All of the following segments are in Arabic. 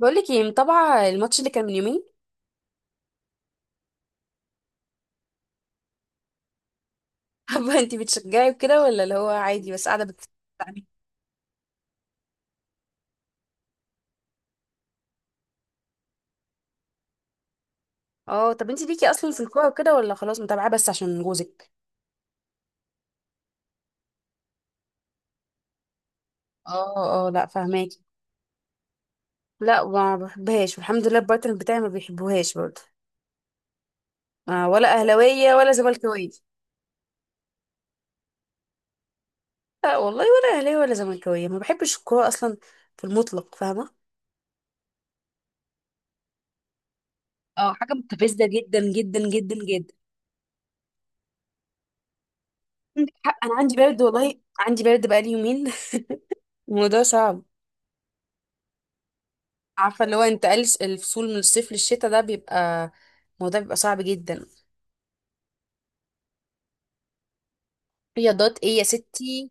بقولك ايه، متابعة الماتش اللي كان من يومين؟ حابة، انتي بتشجعي وكده ولا اللي هو عادي بس قاعدة بتتابعي؟ اه، طب انتي ليكي اصلا في الكورة وكده ولا خلاص متابعة بس عشان جوزك؟ اه، اه، لا، فهماكي. لا، ما بحبهاش، والحمد لله البارتنر بتاعي ما بيحبوهاش برضه. آه، ولا اهلاوية ولا زملكاوية؟ لا والله، ولا اهلاوية ولا زملكاوية، ما بحبش الكورة اصلا في المطلق، فاهمة. اه، حاجة مستفزة جدا جدا جدا جدا. عندك حق، انا عندي برد والله، عندي برد بقالي يومين. الموضوع صعب. عارفه، اللي هو انتقال الفصول من الصيف للشتاء ده الموضوع بيبقى صعب جدا. رياضات ايه يا ستي؟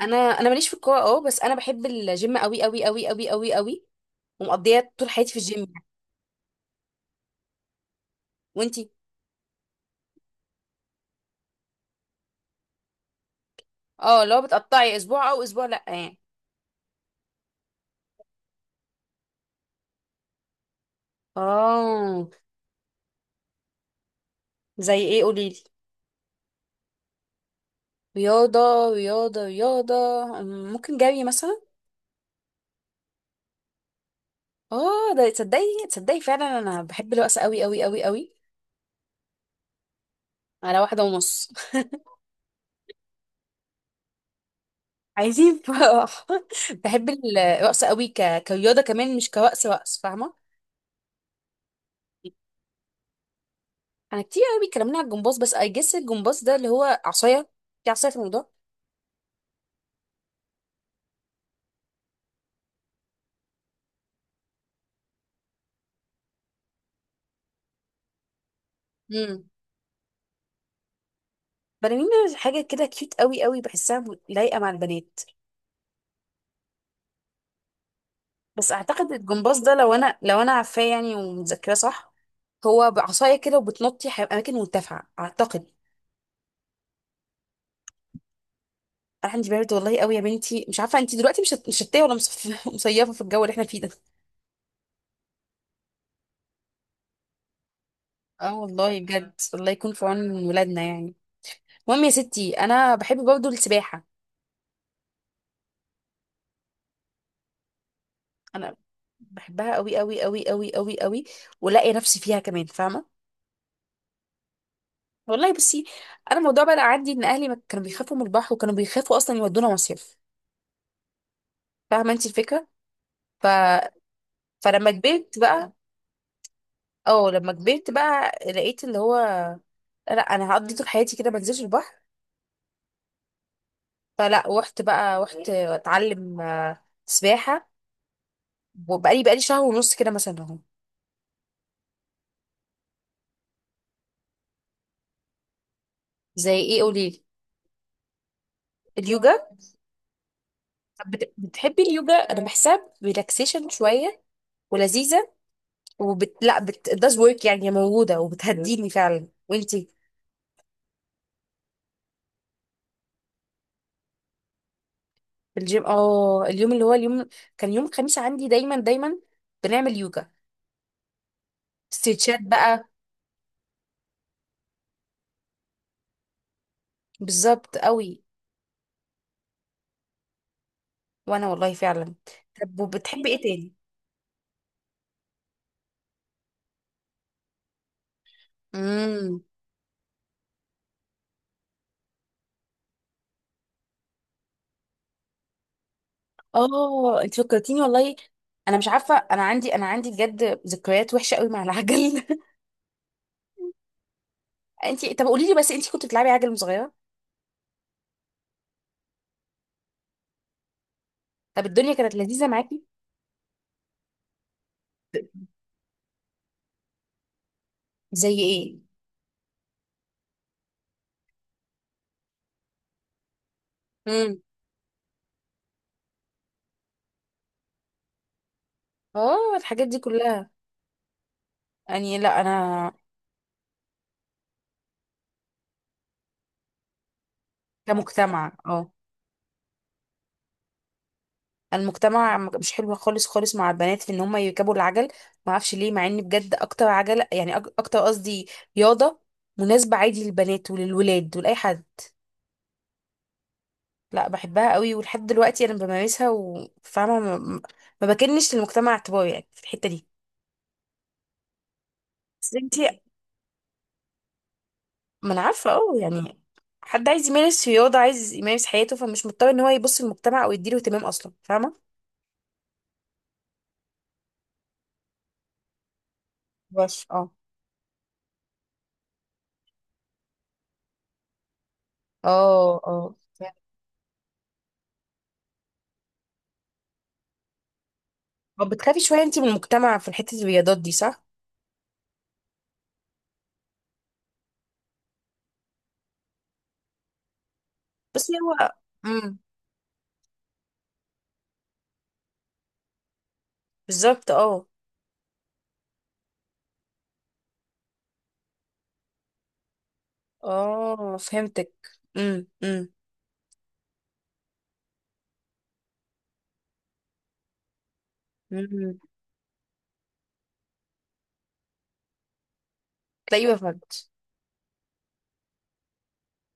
انا ماليش في الكوره، اه بس انا بحب الجيم قوي قوي قوي قوي قوي قوي. ومقضيه طول حياتي في الجيم يعني. وانتي؟ اه، لو بتقطعي اسبوع او اسبوع لا يعني. اه. زي ايه؟ قوليلي. رياضه، رياضه، رياضه. ممكن جري مثلا. اه ده، تصدقي، تصدقي فعلا انا بحب الرقص قوي قوي قوي قوي. على واحده ونص. عايزين فرح، بحب الرقص قوي كرياضه كمان، مش كرقص رقص، فاهمه. انا كتير قوي بيتكلمنا على الجمباز، بس اي جس الجمباز ده اللي هو عصايه. في عصايه في الموضوع؟ امم. بلالين. حاجه كده كيوت قوي قوي، بحسها لايقه مع البنات. بس اعتقد الجمباز ده، لو انا عارفاه يعني ومتذكراه صح. هو بعصايه كده، وبتنطي اماكن مرتفعه اعتقد. انا عندي برد والله قوي يا بنتي، مش عارفه انت دلوقتي مش مشتيه ولا مصيفه في الجو اللي احنا فيه ده. اه والله بجد، الله يكون في عون ولادنا يعني. المهم يا ستي، انا بحب برضه السباحه. انا بحبها قوي قوي قوي قوي قوي قوي. ولاقي نفسي فيها كمان، فاهمه. والله بصي. انا الموضوع بقى عندي ان اهلي ما كانوا بيخافوا من البحر، وكانوا بيخافوا اصلا يودونا مصيف. فاهمه انت الفكره؟ ف... فلما كبرت بقى. اه، لما كبرت بقى لقيت اللي هو. لا، انا هقضي طول حياتي كده ما انزلش البحر. فلا رحت بقى، رحت اتعلم سباحه. وبقالي شهر ونص كده مثلا اهو. زي ايه؟ قولي لي. اليوجا؟ بتحبي اليوجا؟ انا بحسها ريلاكسيشن شويه. ولذيذه. وبت، لا، بت does work، يعني موجوده، وبتهديني فعلا. وانتي؟ في الجيم، اه، اليوم اللي هو اليوم. كان يوم الخميس عندي دايما دايما. بنعمل يوجا. ستريتشات بقى. بالظبط قوي. وانا والله فعلا. طب وبتحبي ايه تاني؟ امم. اه، انت فكرتيني والله. انا مش عارفه، انا عندي بجد ذكريات وحشه قوي مع العجل. انت، طب قولي لي بس، انت كنت بتلعبي عجل وأنت صغيره؟ طب الدنيا كانت لذيذه معاكي. زي ايه؟ امم. اه الحاجات دي كلها. يعني لا انا. كمجتمع، اه. المجتمع مش حلو خالص خالص مع البنات في ان هم يركبوا العجل. ما اعرفش ليه، مع ان بجد اكتر عجله يعني اكتر قصدي، رياضه مناسبه عادي للبنات وللولاد ولاي حد. لا، بحبها قوي، ولحد دلوقتي انا بمارسها، وفاهمه، ما. ما بكنش للمجتمع اعتبار يعني في الحته دي. بس انتي. ما انا عارفه اه يعني. حد عايز يمارس رياضه، عايز يمارس حياته، فمش مضطر ان هو يبص للمجتمع او يديله اهتمام اصلا، فاهمه. بس اه. اه، اه، طب بتخافي شوية انتي من المجتمع في حتة الرياضات دي صح؟ بس هو. امم. بالظبط، اه. اه فهمتك. امم، امم، امم. تلاقيه بفهمت.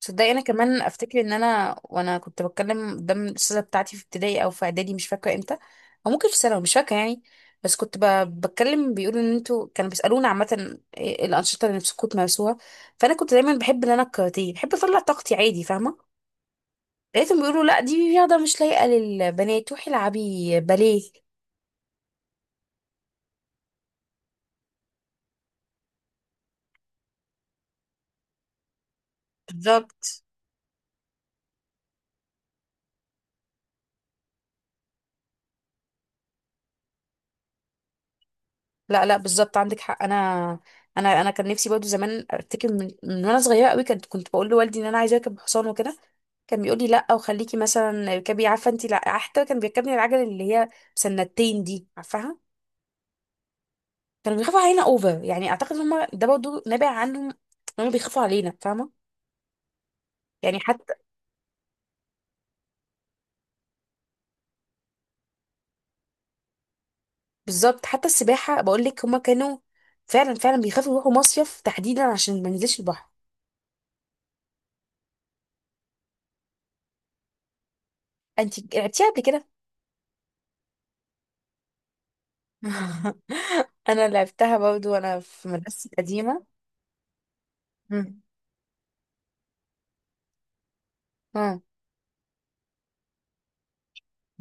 تصدقي، انا كمان افتكر ان انا وانا كنت بتكلم قدام الاستاذه بتاعتي في ابتدائي او في اعدادي، مش فاكره امتى. او ممكن في ثانوي، مش فاكره يعني. بس كنت بتكلم بيقولوا ان انتوا، كانوا بيسالونا عامه إيه الانشطه اللي نفسكم تمارسوها. فانا كنت دايما بحب ان انا الكاراتيه، بحب اطلع طاقتي عادي، فاهمه. لقيتهم بيقولوا لا، دي رياضة مش لايقة للبنات، روحي العبي باليه. بالظبط. لا، لا، بالظبط عندك حق، انا. انا كان نفسي برضه زمان ارتكب من وانا صغيره قوي، كنت بقول لوالدي ان انا عايزه اركب حصان وكده. كان بيقول لي لا، وخليكي مثلا اركبي، عارفه انت، لا حتى كان بيركبني العجل اللي هي سنتين دي، عارفاها. كانوا بيخافوا علينا اوفر يعني، اعتقد هم ده برضه نابع عنهم ان هم بيخافوا علينا، فاهمه. يعني حتى. بالظبط، حتى السباحه بقول لك، هما كانوا. فعلا، فعلا بيخافوا يروحوا مصيف تحديدا، عشان ما ينزلش البحر. انت لعبتيها قبل كده؟ انا لعبتها برضو وانا في مدرستي القديمه. مم. اه.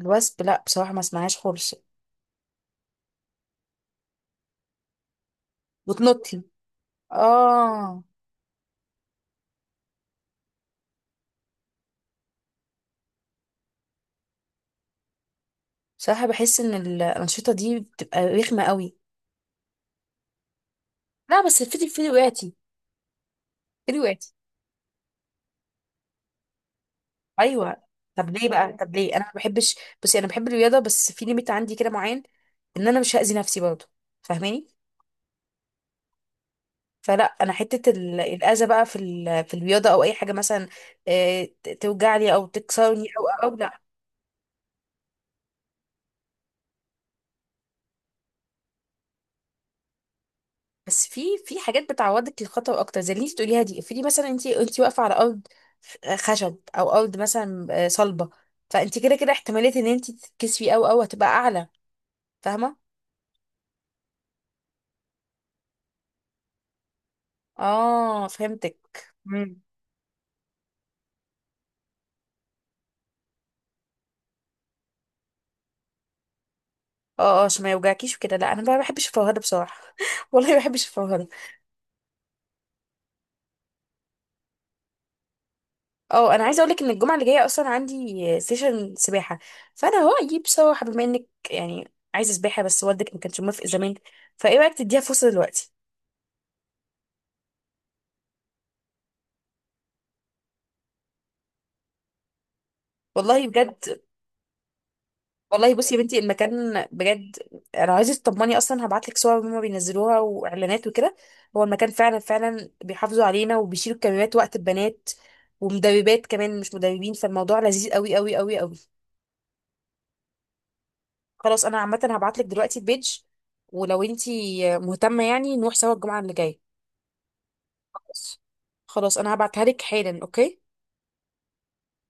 الوثب، لا بصراحه ما اسمعهاش خالص. وتنطي، اه. بصراحه، بحس ان الانشطه دي بتبقى رخمه قوي. لا، بس في وقعتي. في وقعتي. ايوه. طب ليه انا ما بحبش؟ بس انا بحب الرياضه بس في ليميت عندي كده معين. ان انا مش هاذي نفسي برضو. فاهماني. فلا انا حته الاذى بقى في في الرياضه او اي حاجه مثلا. توجعني او تكسرني او لا. بس في حاجات بتعوضك للخطر اكتر زي اللي انت بتقوليها دي، افرضي مثلا انت واقفه على ارض. خشب او ارض مثلا صلبه. فانت كده كده، احتماليه ان انت تتكسفي او هتبقى اعلى. فاهمه. اه فهمتك. مم. اه، اه، عشان ما يوجعكيش وكده، لا انا ما بحبش الفرهده بصراحه، والله ما بحبش الفرهده. اه، انا عايزه اقول لك ان الجمعه اللي جايه اصلا عندي سيشن سباحه. فانا هو اجيب سباحه، بما انك يعني عايزه سباحه بس والدك ما كانش موافق زمان. فايه رايك تديها فرصه دلوقتي؟ والله بجد. والله بصي يا بنتي، المكان بجد. انا عايزه تطمني، اصلا هبعت لك صور هما بينزلوها واعلانات وكده. هو المكان فعلا فعلا بيحافظوا علينا، وبيشيلوا الكاميرات وقت البنات. ومدربات كمان، مش مدربين، فالموضوع لذيذ قوي قوي قوي قوي. خلاص، انا عامه هبعت لك دلوقتي البيج. ولو انتي مهتمه يعني نروح سوا الجمعه اللي جايه. خلاص. خلاص، انا هبعتها لك حالا، اوكي.